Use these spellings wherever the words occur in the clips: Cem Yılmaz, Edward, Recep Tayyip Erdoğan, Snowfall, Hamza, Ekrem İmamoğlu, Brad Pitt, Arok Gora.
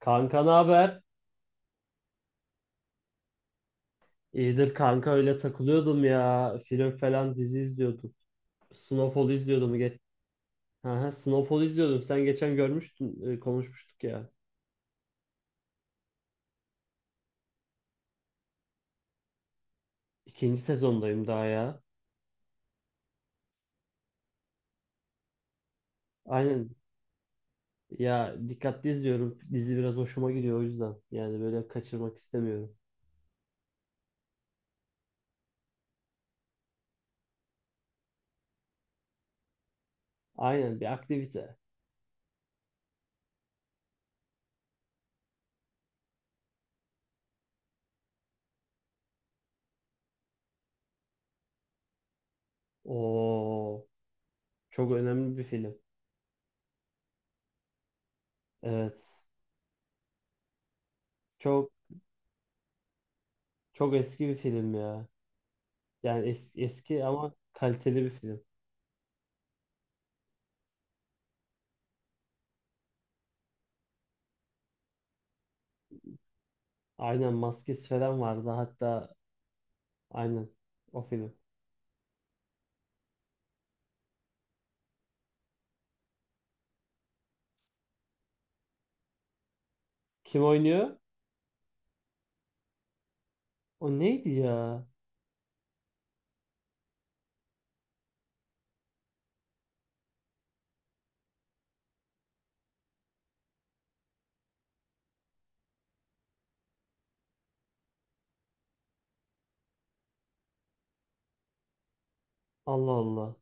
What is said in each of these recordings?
Kanka ne haber? İyidir kanka öyle takılıyordum ya. Film falan dizi izliyordum. Snowfall izliyordum. Aha, Snowfall izliyordum. Sen geçen görmüştün, konuşmuştuk ya. İkinci sezondayım daha ya. Aynen. Ya dikkatli izliyorum. Dizi biraz hoşuma gidiyor o yüzden. Yani böyle kaçırmak istemiyorum. Aynen bir aktivite. Oo, çok önemli bir film. Evet. Çok çok eski bir film ya. Yani eski ama kaliteli bir film. Aynen maskesi falan vardı, hatta aynen o film. Kim oynuyor? O neydi ya? Allah Allah.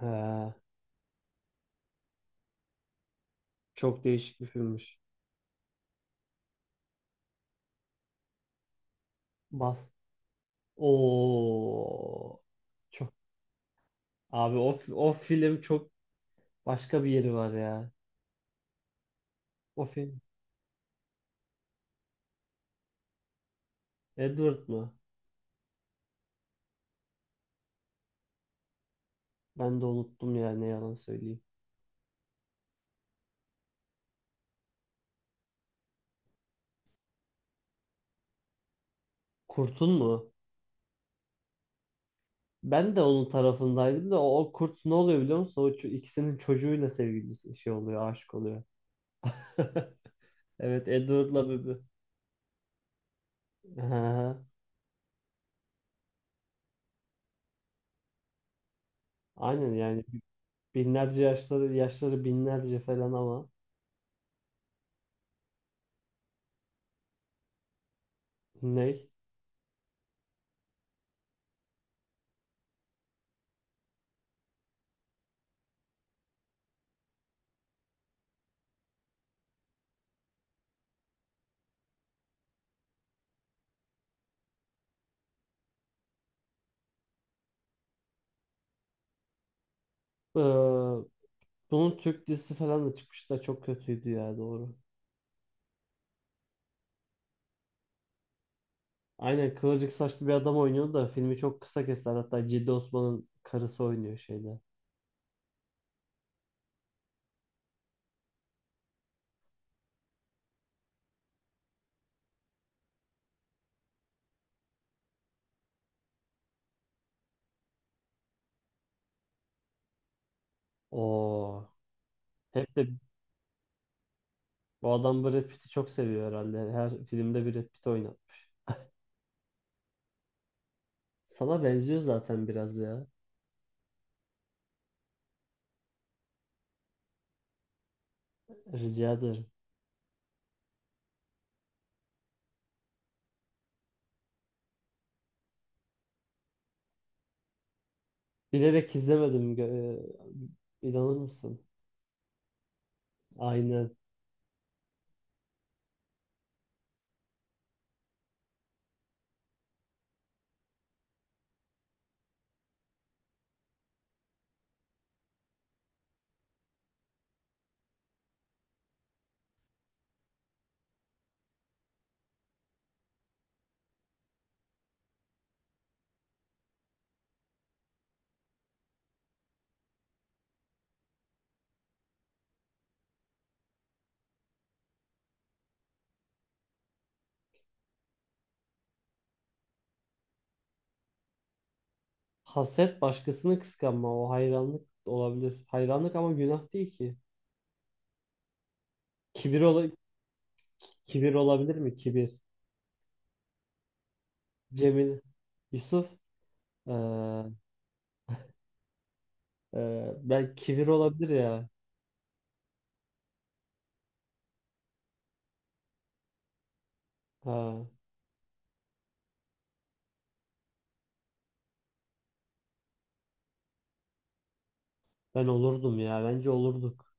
He, çok değişik bir filmmiş. Bas. Oo. Çok. Abi o film çok başka bir yeri var ya. O film. Edward mı? Ben de unuttum ya, ne yalan söyleyeyim. Kurt'un mu? Ben de onun tarafındaydım da o kurt ne oluyor biliyor musun? İkisinin çocuğuyla sevgilisi şey oluyor, aşık oluyor. Evet, Edward'la Bibi. Aha, aynen yani binlerce yaşları binlerce falan ama ne? Ee, Bunun Türk dizisi falan da çıkmıştı da çok kötüydü ya, doğru. Aynen, kıvırcık saçlı bir adam oynuyordu da filmi çok kısa kestiler. Hatta Ciddi Osman'ın karısı oynuyor şeyde. Oo. Hep de bu adam Brad Pitt'i çok seviyor herhalde. Her filmde Brad Pitt oynatmış. Sana benziyor zaten biraz ya. Rica ederim. Bilerek izlemedim. İnanır mısın? Aynen. Haset başkasını kıskanma. O hayranlık olabilir. Hayranlık ama günah değil ki. Kibir, ola kibir olabilir mi? Kibir. Cemil. Yusuf. Ee, ben, kibir olabilir ya. Ha, ben olurdum ya. Bence olurduk.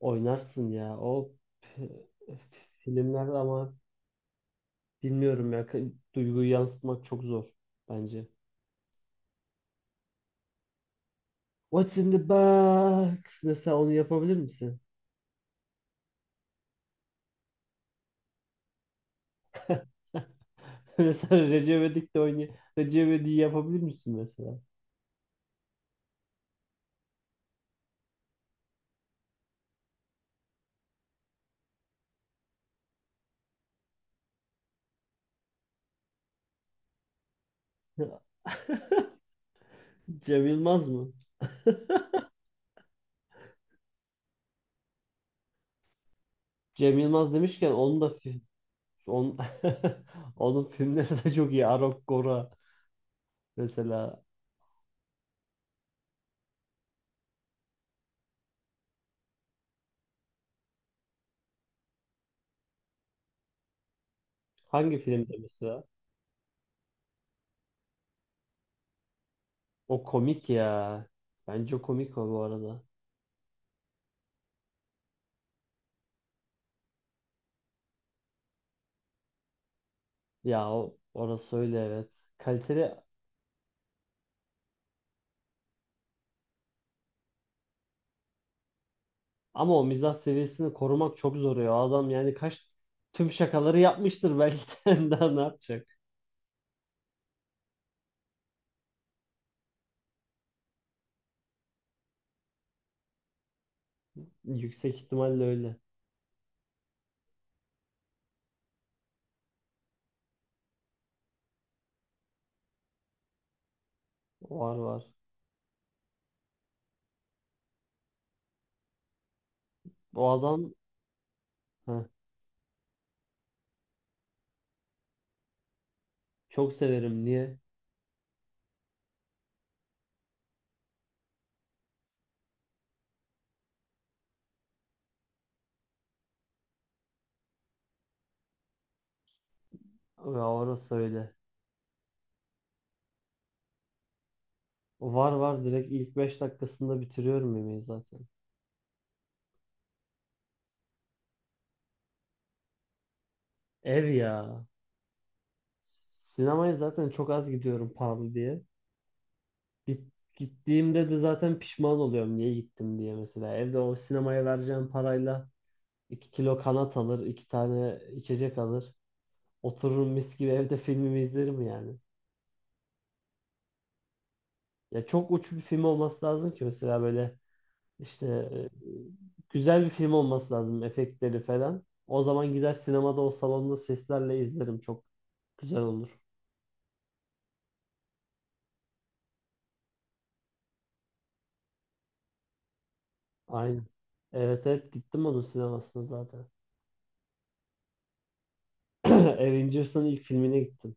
Oynarsın ya. P- Filmler ama bilmiyorum ya. Duyguyu yansıtmak çok zor bence. What's in the box? Mesela onu yapabilir misin? Mesela Recep İvedik'te oynuyor. Recep İvedik'i yapabilir misin mesela? Cem Yılmaz mı? Cem Yılmaz demişken, onun da on, onun filmleri de çok iyi. Arok Gora mesela. Hangi filmde mesela? O komik ya. Bence o komik o, bu arada. Ya orası öyle, evet. Kaliteli ama o mizah seviyesini korumak çok zor ya. Adam yani tüm şakaları yapmıştır belki de daha ne yapacak? Yüksek ihtimalle öyle. Var, var. O adam. Heh, çok severim. Niye? Ya orası öyle. Var, var, direkt ilk 5 dakikasında bitiriyorum yemeği zaten. Ev ya. Sinemaya zaten çok az gidiyorum, pahalı diye. Gittiğimde de zaten pişman oluyorum, niye gittim diye mesela. Evde o sinemaya vereceğim parayla 2 kilo kanat alır, 2 tane içecek alır. Otururum mis gibi evde, filmimi izlerim yani. Ya çok uç bir film olması lazım ki mesela, böyle İşte e, güzel bir film olması lazım, efektleri falan. O zaman gider sinemada o salonda seslerle izlerim. Çok güzel olur. Aynen. Evet, evet, gittim onun sinemasına zaten. Avengers'ın ilk filmine gittim.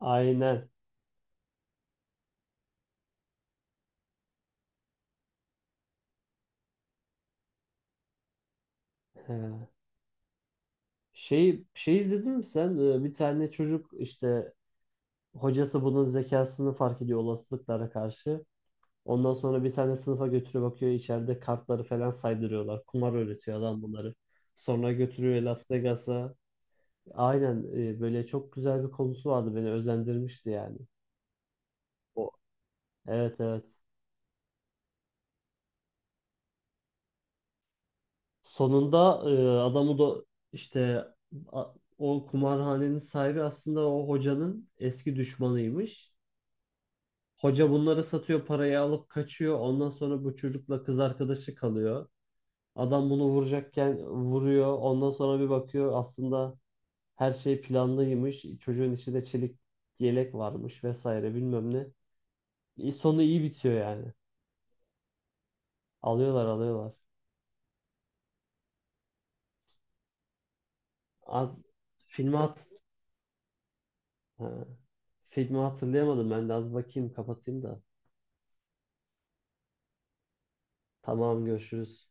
Aynen. He. Şey izledin mi sen? Bir tane çocuk işte, hocası bunun zekasını fark ediyor olasılıklara karşı. Ondan sonra bir tane sınıfa götürüyor, bakıyor içeride kartları falan saydırıyorlar. Kumar öğretiyor adam bunları. Sonra götürüyor Las Vegas'a. Aynen, böyle çok güzel bir konusu vardı, beni özendirmişti yani. O Evet, evet. Sonunda adamı da işte a- o kumarhanenin sahibi aslında o hocanın eski düşmanıymış. Hoca bunları satıyor, parayı alıp kaçıyor. Ondan sonra bu çocukla kız arkadaşı kalıyor. Adam bunu vuracakken vuruyor. Ondan sonra bir bakıyor, aslında her şey planlıymış. Çocuğun içinde çelik yelek varmış vesaire bilmem ne. Sonu iyi bitiyor yani. Alıyorlar, alıyorlar. Az filmi hat ha. Filmi hatırlayamadım, ben de az bakayım kapatayım da. Tamam, görüşürüz.